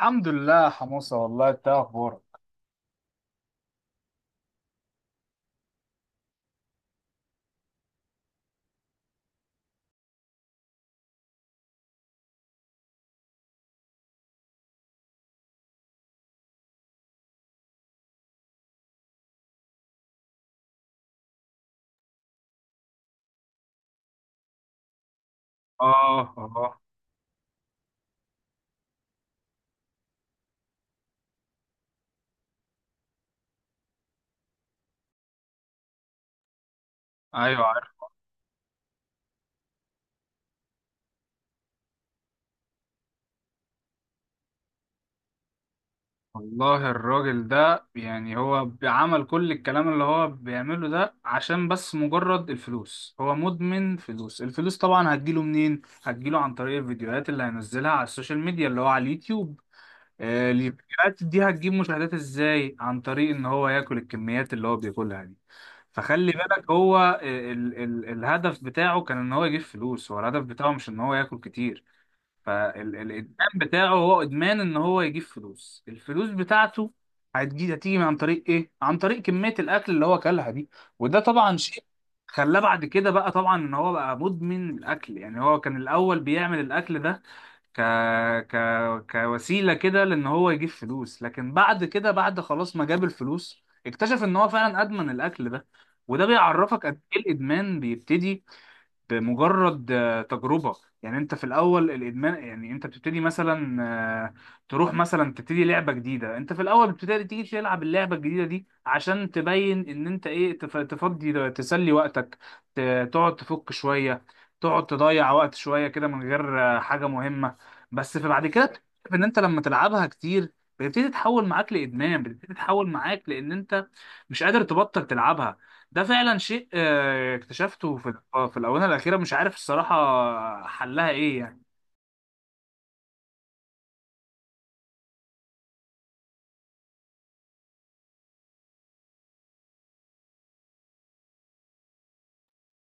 الحمد لله حموسة. والله انت اخبارك؟ آه. آه. أيوة عارف. والله الراجل ده، يعني هو عمل كل الكلام اللي هو بيعمله ده عشان بس مجرد الفلوس، هو مدمن فلوس. الفلوس طبعا هتجيله منين؟ هتجيله عن طريق الفيديوهات اللي هينزلها على السوشيال ميديا، اللي هو على اليوتيوب. الفيديوهات دي هتجيب مشاهدات ازاي؟ عن طريق إن هو ياكل الكميات اللي هو بياكلها دي. فخلي بالك، هو ال الهدف بتاعه كان إن هو يجيب فلوس، هو الهدف بتاعه مش إن هو ياكل كتير. فالادمان بتاعه هو ادمان ان هو يجيب فلوس، الفلوس بتاعته هتيجي عن طريق ايه؟ عن طريق كمية الاكل اللي هو اكلها دي. وده طبعا شيء خلاه بعد كده، بقى طبعا ان هو بقى مدمن الاكل. يعني هو كان الاول بيعمل الاكل ده ك... ك... كوسيلة كده لان هو يجيب فلوس، لكن بعد كده، بعد خلاص ما جاب الفلوس، اكتشف ان هو فعلا ادمن الاكل ده. وده بيعرفك قد ايه الادمان بيبتدي بمجرد تجربة. يعني انت في الاول الادمان، يعني انت بتبتدي مثلا، آه، تروح مثلا تبتدي لعبة جديدة. انت في الاول بتبتدي تيجي تلعب اللعبة الجديدة دي عشان تبين ان انت ايه، تفضي تسلي وقتك، تقعد تفك شوية، تقعد تضيع وقت شوية كده من غير حاجة مهمة. بس في بعد كده بتكتشف ان انت لما تلعبها كتير بتبتدي تتحول معاك لادمان، بتبتدي تتحول معاك لان انت مش قادر تبطل تلعبها. ده فعلا شيء اكتشفته في في الآونة الأخيرة. مش عارف الصراحة حلها إيه يعني.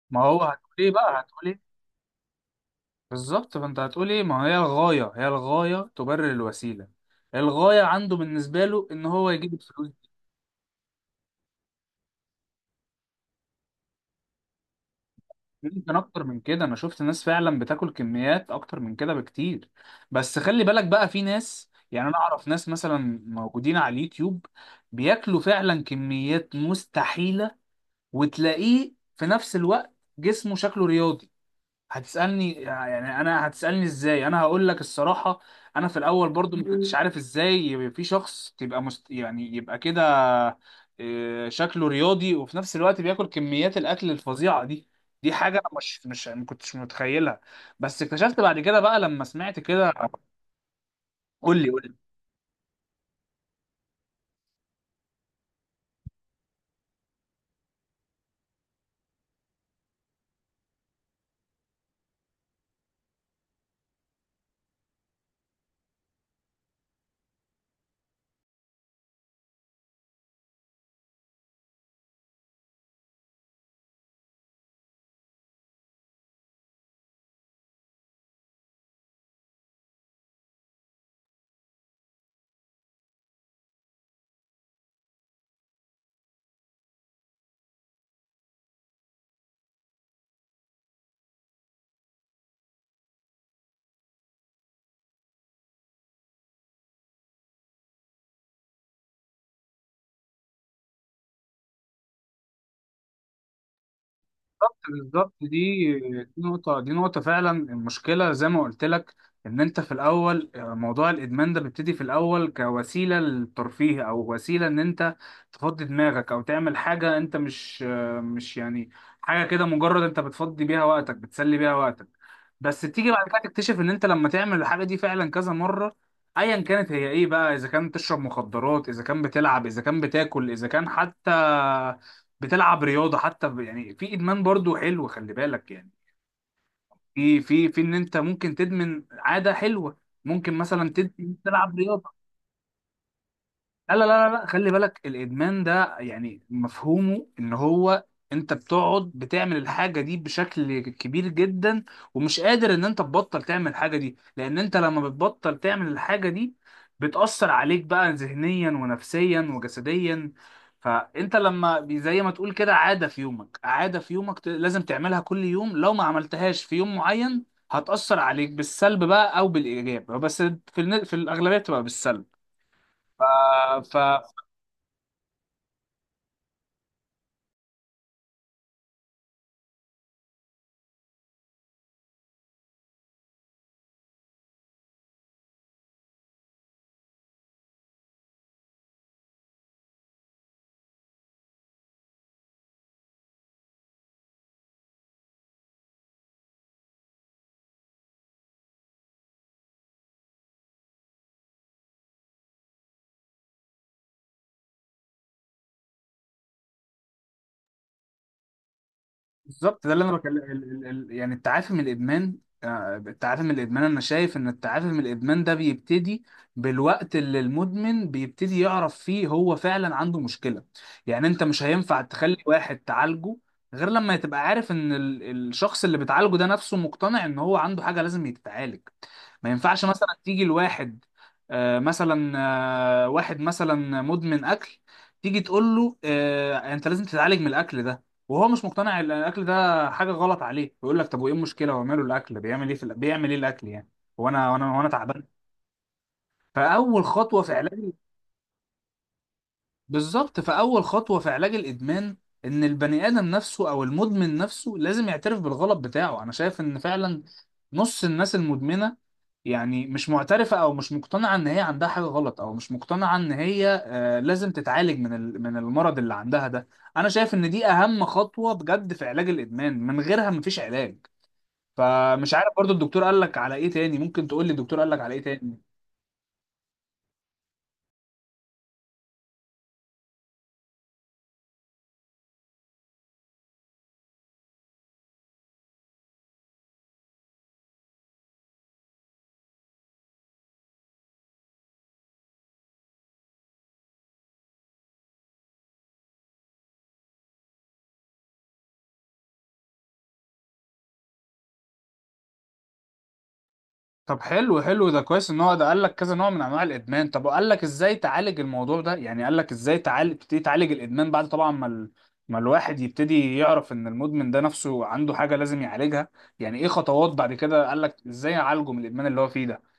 ما هو هتقول إيه بقى، هتقول إيه؟ بالظبط. فأنت هتقول إيه؟ ما هي الغاية، هي الغاية تبرر الوسيلة. الغاية عنده بالنسبة له إن هو يجيب الفلوس. ممكن أكتر من كده، أنا شفت ناس فعلا بتاكل كميات أكتر من كده بكتير. بس خلي بالك بقى، في ناس، يعني أنا أعرف ناس مثلا موجودين على اليوتيوب بياكلوا فعلا كميات مستحيلة، وتلاقيه في نفس الوقت جسمه شكله رياضي. هتسألني يعني انا، هتسألني ازاي؟ انا هقول لك الصراحة، انا في الاول برضو ما كنتش عارف ازاي يبقى في شخص تبقى يعني يبقى كده شكله رياضي وفي نفس الوقت بياكل كميات الاكل الفظيعة دي. دي حاجة انا مش ما كنتش متخيلها. بس اكتشفت بعد كده بقى لما سمعت كده. قول لي. بالظبط، بالظبط. دي نقطة، دي نقطة فعلا. المشكلة زي ما قلت لك، إن أنت في الأول موضوع الإدمان ده بيبتدي في الأول كوسيلة للترفيه، أو وسيلة إن أنت تفضي دماغك أو تعمل حاجة. أنت مش مش يعني حاجة كده، مجرد أنت بتفضي بيها وقتك، بتسلي بيها وقتك. بس تيجي بعد كده تكتشف إن أنت لما تعمل الحاجة دي فعلا كذا مرة، أيا كانت هي إيه بقى، إذا كان تشرب مخدرات، إذا كان بتلعب، إذا كان بتاكل، إذا كان حتى بتلعب رياضه. حتى يعني في ادمان برضو حلو، خلي بالك يعني. في ان انت ممكن تدمن عاده حلوه، ممكن مثلا تلعب رياضه. لا لا لا لا، خلي بالك الادمان ده يعني مفهومه ان هو انت بتقعد بتعمل الحاجه دي بشكل كبير جدا، ومش قادر ان انت تبطل تعمل الحاجه دي. لان انت لما بتبطل تعمل الحاجه دي، بتأثر عليك بقى ذهنيا ونفسيا وجسديا. فانت لما زي ما تقول كده، عاده في يومك، عاده في يومك لازم تعملها كل يوم. لو ما عملتهاش في يوم معين، هتأثر عليك بالسلب بقى او بالايجاب، بس في في الاغلبيه بتبقى بالسلب. بالظبط، ده اللي انا بكلم يعني التعافي من الادمان. التعافي من الادمان، انا شايف ان التعافي من الادمان ده بيبتدي بالوقت اللي المدمن بيبتدي يعرف فيه هو فعلا عنده مشكلة. يعني انت مش هينفع تخلي واحد تعالجه غير لما تبقى عارف ان الشخص اللي بتعالجه ده نفسه مقتنع ان هو عنده حاجة لازم يتعالج. ما ينفعش مثلا تيجي لواحد مثلا واحد مثلا مدمن اكل، تيجي تقول له آه انت لازم تتعالج من الاكل ده، وهو مش مقتنع ان الاكل ده حاجه غلط عليه. يقول لك طب وايه المشكله؟ هو ماله الاكل؟ بيعمل ايه في بيعمل ايه الاكل يعني؟ وانا وانا تعبان. فاول خطوه في علاج، بالظبط فأول خطوة في علاج الإدمان، إن البني آدم نفسه أو المدمن نفسه لازم يعترف بالغلط بتاعه. أنا شايف إن فعلا نص الناس المدمنة يعني مش معترفة أو مش مقتنعة إن هي عندها حاجة غلط، أو مش مقتنعة إن هي لازم تتعالج من من المرض اللي عندها ده. أنا شايف إن دي أهم خطوة بجد في علاج الإدمان، من غيرها مفيش علاج. فمش عارف برضو الدكتور قال لك على إيه تاني، ممكن تقول لي الدكتور قال لك على إيه تاني؟ طب حلو، حلو ده، كويس ان هو ده قال لك كذا نوع من انواع الادمان. طب وقال لك ازاي تعالج الموضوع ده؟ يعني قال لك ازاي تعالج، تبتدي تعالج الادمان، بعد طبعا ما الواحد يبتدي يعرف ان المدمن ده نفسه عنده حاجة لازم يعالجها؟ يعني ايه خطوات بعد كده قال لك ازاي اعالجه من الادمان اللي هو فيه ده؟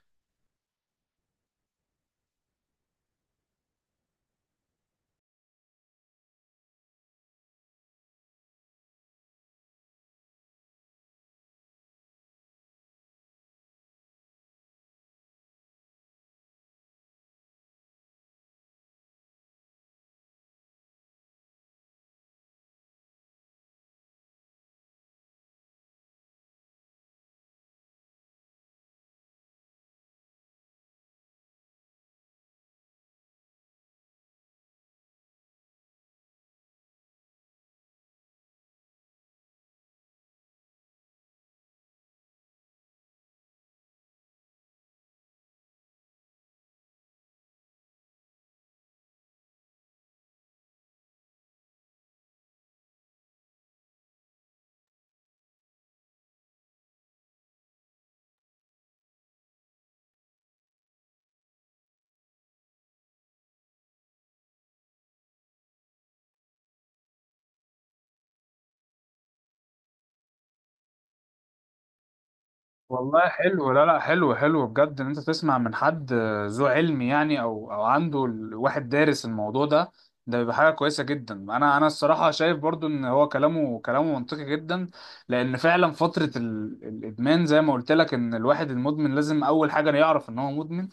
والله حلو، لا لا، حلو حلو بجد ان انت تسمع من حد ذو علم يعني، او او عنده واحد دارس الموضوع ده. ده بيبقى حاجه كويسه جدا. انا الصراحه شايف برضو ان هو كلامه، كلامه منطقي جدا. لان فعلا فتره الادمان زي ما قلت لك، ان الواحد المدمن لازم اول حاجه يعرف ان هو مدمن.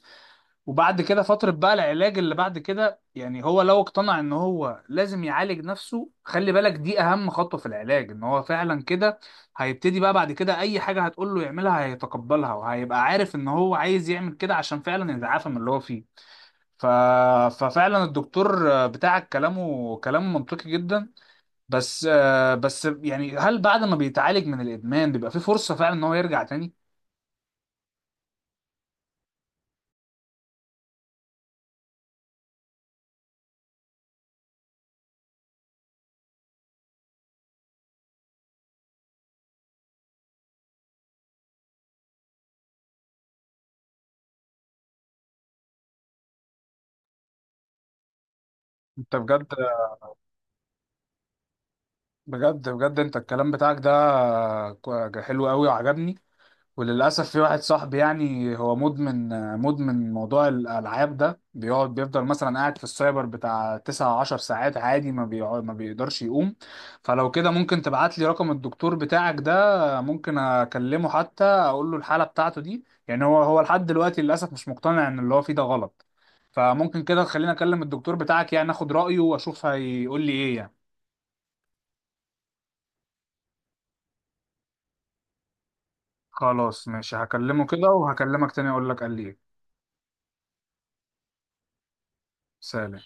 وبعد كده فترة بقى العلاج اللي بعد كده. يعني هو لو اقتنع ان هو لازم يعالج نفسه، خلي بالك دي اهم خطوة في العلاج. ان هو فعلا كده هيبتدي بقى بعد كده اي حاجة هتقول له يعملها هيتقبلها، وهيبقى عارف ان هو عايز يعمل كده عشان فعلا يتعافى من اللي هو فيه. ف... ففعلا الدكتور بتاعك كلامه، كلامه منطقي جدا. بس، بس يعني، هل بعد ما بيتعالج من الادمان بيبقى فيه فرصة فعلا ان هو يرجع تاني؟ انت بجد، بجد بجد، انت الكلام بتاعك ده حلو قوي وعجبني. وللاسف في واحد صاحبي يعني هو مدمن، مدمن موضوع الالعاب ده. بيقعد بيفضل مثلا قاعد في السايبر بتاع 9 10 ساعات عادي، ما بيقعد ما بيقدرش يقوم. فلو كده ممكن تبعت لي رقم الدكتور بتاعك ده، ممكن اكلمه حتى اقول له الحالة بتاعته دي. يعني هو لحد دلوقتي للاسف مش مقتنع ان اللي هو فيه ده غلط. فممكن كده تخليني اكلم الدكتور بتاعك، يعني اخد رأيه واشوف هيقول لي ايه يعني. خلاص ماشي، هكلمه كده وهكلمك تاني اقول لك قال لي ايه. سلام.